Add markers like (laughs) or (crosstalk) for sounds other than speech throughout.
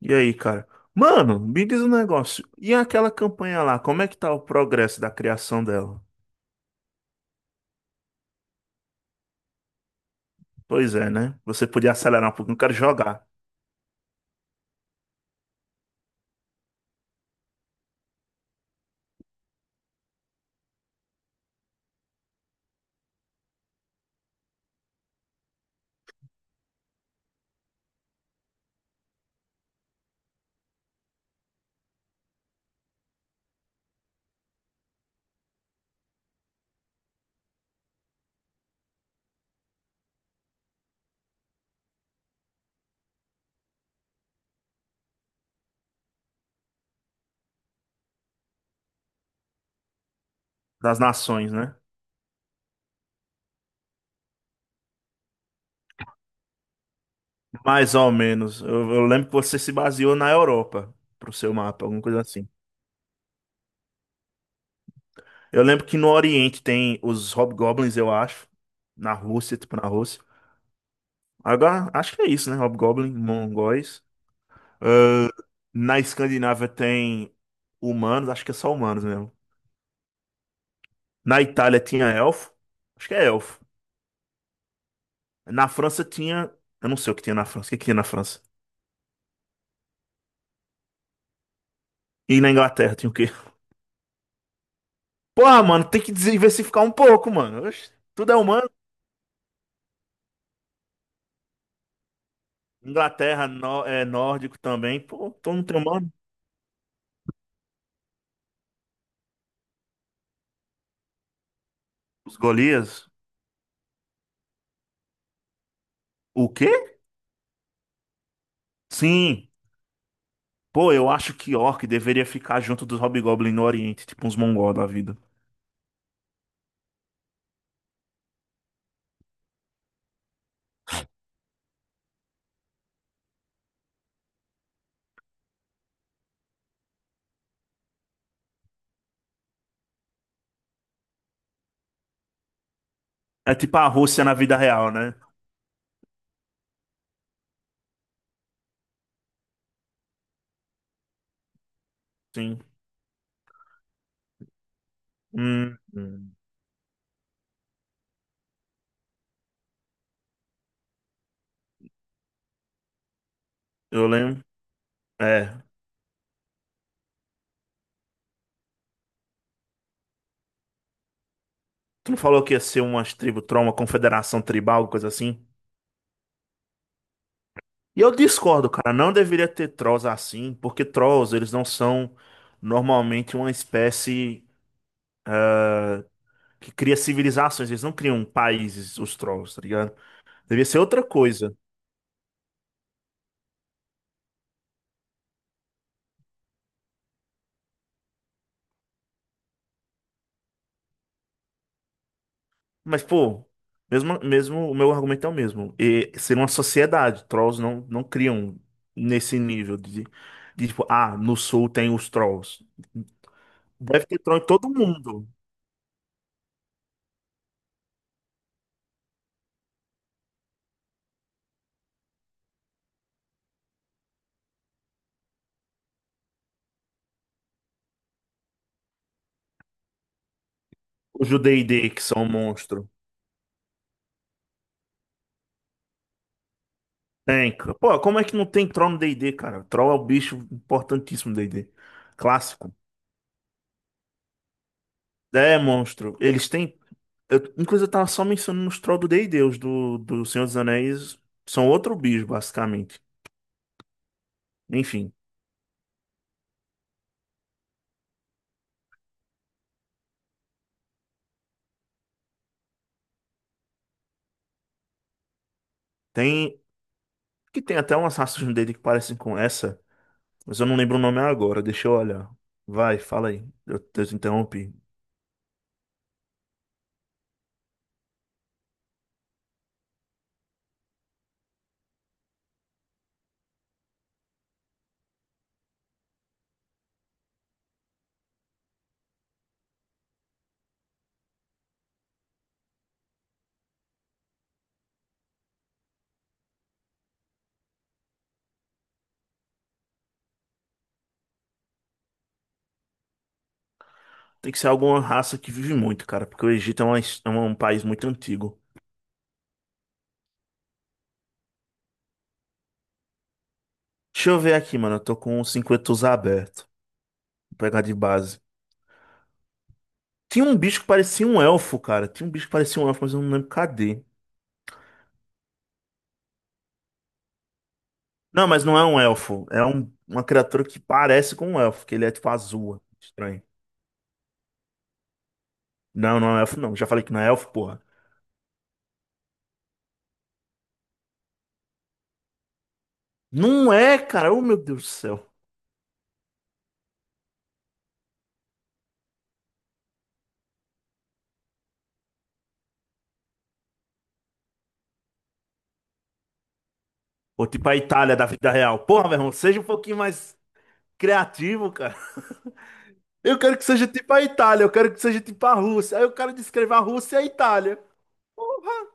E aí, cara? Mano, me diz um negócio. E aquela campanha lá, como é que tá o progresso da criação dela? Pois é, né? Você podia acelerar um pouco, não quero jogar. Das nações, né? Mais ou menos. Eu lembro que você se baseou na Europa pro seu mapa, alguma coisa assim. Eu lembro que no Oriente tem os Hobgoblins, eu acho. Na Rússia, tipo na Rússia. Agora, acho que é isso, né? Hobgoblin, mongóis. Ah, na Escandinávia tem humanos, acho que é só humanos mesmo. Na Itália tinha elfo. Acho que é elfo. Na França tinha. Eu não sei o que tinha na França. O que que tinha na França? E na Inglaterra tinha o quê? (laughs) Porra, mano, tem que diversificar um pouco, mano. Oxe, tudo é humano. Inglaterra é nórdico também. Pô, todo mundo tem humano. Os Golias. O quê? Sim. Pô, eu acho que Orc deveria ficar junto dos Hobgoblin no Oriente, tipo uns mongol da vida. É tipo a Rússia na vida real, né? Sim. Hum, hum. Eu lembro. É. Tu não falou que ia ser umas tribo troll, uma confederação tribal, coisa assim? E eu discordo, cara. Não deveria ter trolls assim, porque trolls, eles não são normalmente uma espécie que cria civilizações. Eles não criam países, os trolls, tá ligado? Devia ser outra coisa. Mas, pô, mesmo o meu argumento é o mesmo. E ser uma sociedade. Trolls não criam nesse nível de tipo, no sul tem os trolls. Deve ter troll em todo mundo. Os do D&D, que são monstros. Tem, cara. Pô, como é que não tem troll no D&D, cara? Troll é o bicho importantíssimo do D&D. Clássico. É, monstro. Eles têm... Eu, inclusive, eu tava só mencionando os trolls do D&D. Os do Senhor dos Anéis são outro bicho, basicamente. Enfim, tem... Que tem até umas raças no D&D que parecem com essa, mas eu não lembro o nome agora. Deixa eu olhar. Vai, fala aí. Eu te interrompi. Tem que ser alguma raça que vive muito, cara, porque o Egito é um país muito antigo. Deixa eu ver aqui, mano. Eu tô com o 50 aberto. Vou pegar de base. Tinha um bicho que parecia um elfo, cara. Tinha um bicho que parecia um elfo, mas eu não lembro cadê. Não, mas não é um elfo. É uma criatura que parece com um elfo, que ele é tipo azul. Estranho. Não, não é um elfo, não. Já falei que não é elfo, porra. Não é, cara. Oh, meu Deus do céu. Ou tipo a Itália da vida real. Porra, meu irmão, seja um pouquinho mais criativo, cara. Eu quero que seja tipo a Itália, eu quero que seja tipo a Rússia. Aí eu quero descrever a Rússia e a Itália. Porra!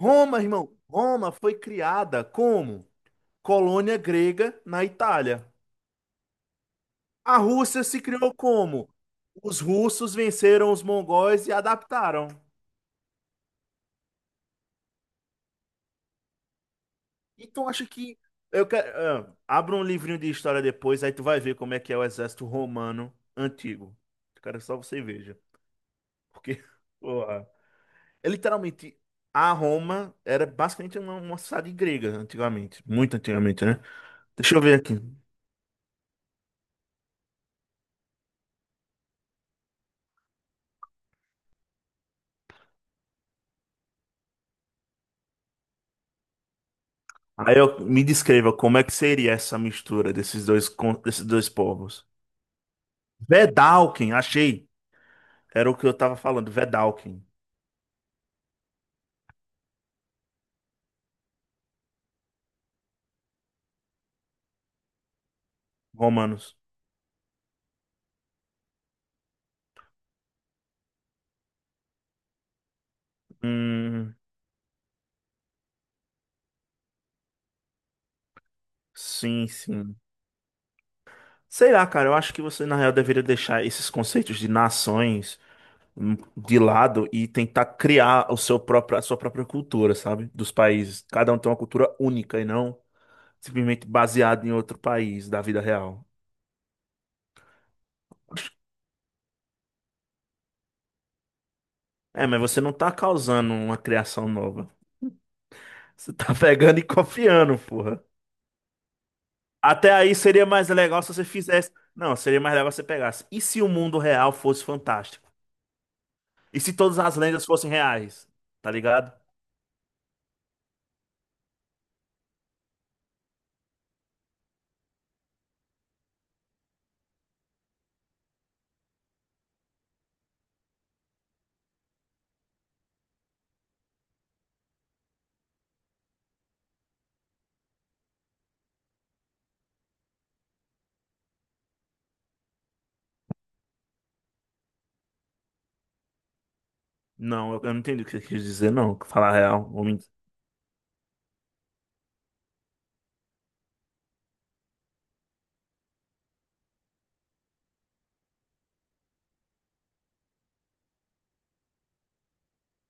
Roma, irmão. Roma foi criada como colônia grega na Itália. A Rússia se criou como? Os russos venceram os mongóis e adaptaram. Então acho que eu quero, abra um livrinho de história depois, aí tu vai ver como é que é o exército romano antigo. Cara, só você veja, porque (laughs) porra, é literalmente a Roma era basicamente uma cidade grega antigamente, muito antigamente, né? Deixa eu ver aqui. Aí, me descreva como é que seria essa mistura desses dois povos. Vedalken, achei. Era o que eu tava falando, Vedalken, Romanos. Hum, sim, sim. Sei lá, cara, eu acho que você, na real, deveria deixar esses conceitos de nações de lado e tentar criar a sua própria cultura, sabe? Dos países. Cada um tem uma cultura única e não simplesmente baseado em outro país da vida real. É, mas você não tá causando uma criação nova. Você tá (laughs) pegando e copiando, porra. Até aí seria mais legal se você fizesse. Não, seria mais legal se você pegasse. E se o mundo real fosse fantástico? E se todas as lendas fossem reais? Tá ligado? Não, eu não entendi o que você quis dizer, não. Falar real.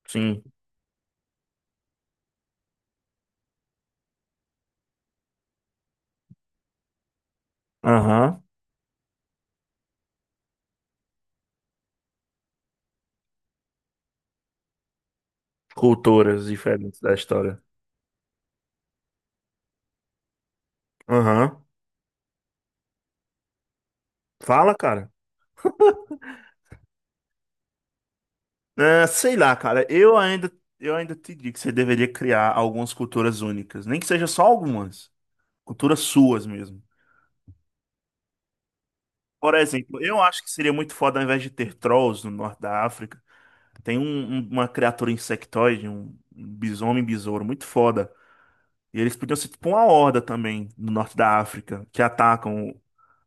Sim. Aham. Culturas diferentes da história. Aham. Fala, cara. É, sei lá, cara. Eu ainda te digo que você deveria criar algumas culturas únicas. Nem que seja só algumas. Culturas suas mesmo. Por exemplo, eu acho que seria muito foda ao invés de ter trolls no norte da África. Tem uma criatura insectoide, um bisomem besouro muito foda. E eles podiam ser tipo uma horda também no norte da África, que atacam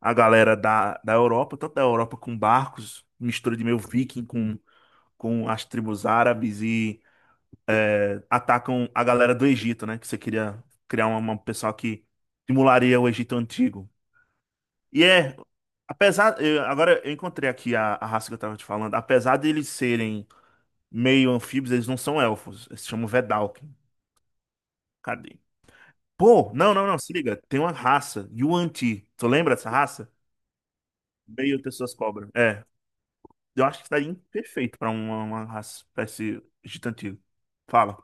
a galera da Europa, tanto da Europa com barcos, mistura de meio viking com as tribos árabes e atacam a galera do Egito, né? Que você queria criar uma pessoal que simularia o Egito antigo. E agora eu encontrei aqui a raça que eu tava te falando, apesar de eles serem meio anfíbios, eles não são elfos. Eles se chamam Vedalken. Cadê? Pô, não, não, não, se liga. Tem uma raça, Yuan-Ti. Tu lembra dessa raça? Meio pessoas cobra. É. Eu acho que estaria perfeito pra uma raça, espécie gigantil. Fala.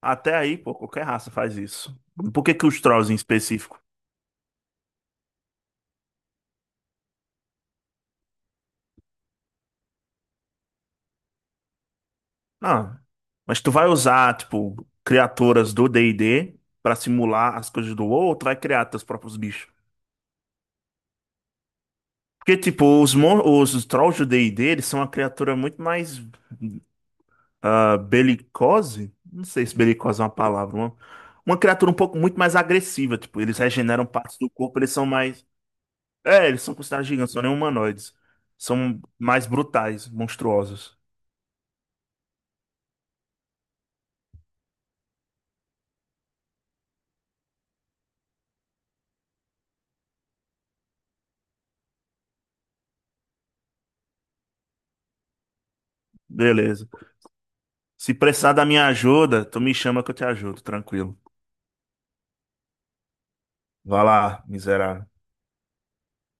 Até aí, pô, qualquer raça faz isso. Por que que os Trolls em específico? Não. Mas tu vai usar, tipo, criaturas do D&D pra simular as coisas do WoW, ou tu vai criar teus próprios bichos? Porque, tipo, os trolls do D&D, eles são uma criatura muito mais belicose? Não sei se belicose é uma palavra. Uma criatura um pouco muito mais agressiva. Tipo, eles regeneram partes do corpo, eles são mais. É, eles são considerados gigantes, são nem humanoides. São mais brutais, monstruosos. Beleza. Se precisar da minha ajuda, tu me chama que eu te ajudo, tranquilo. Vai lá, miserável.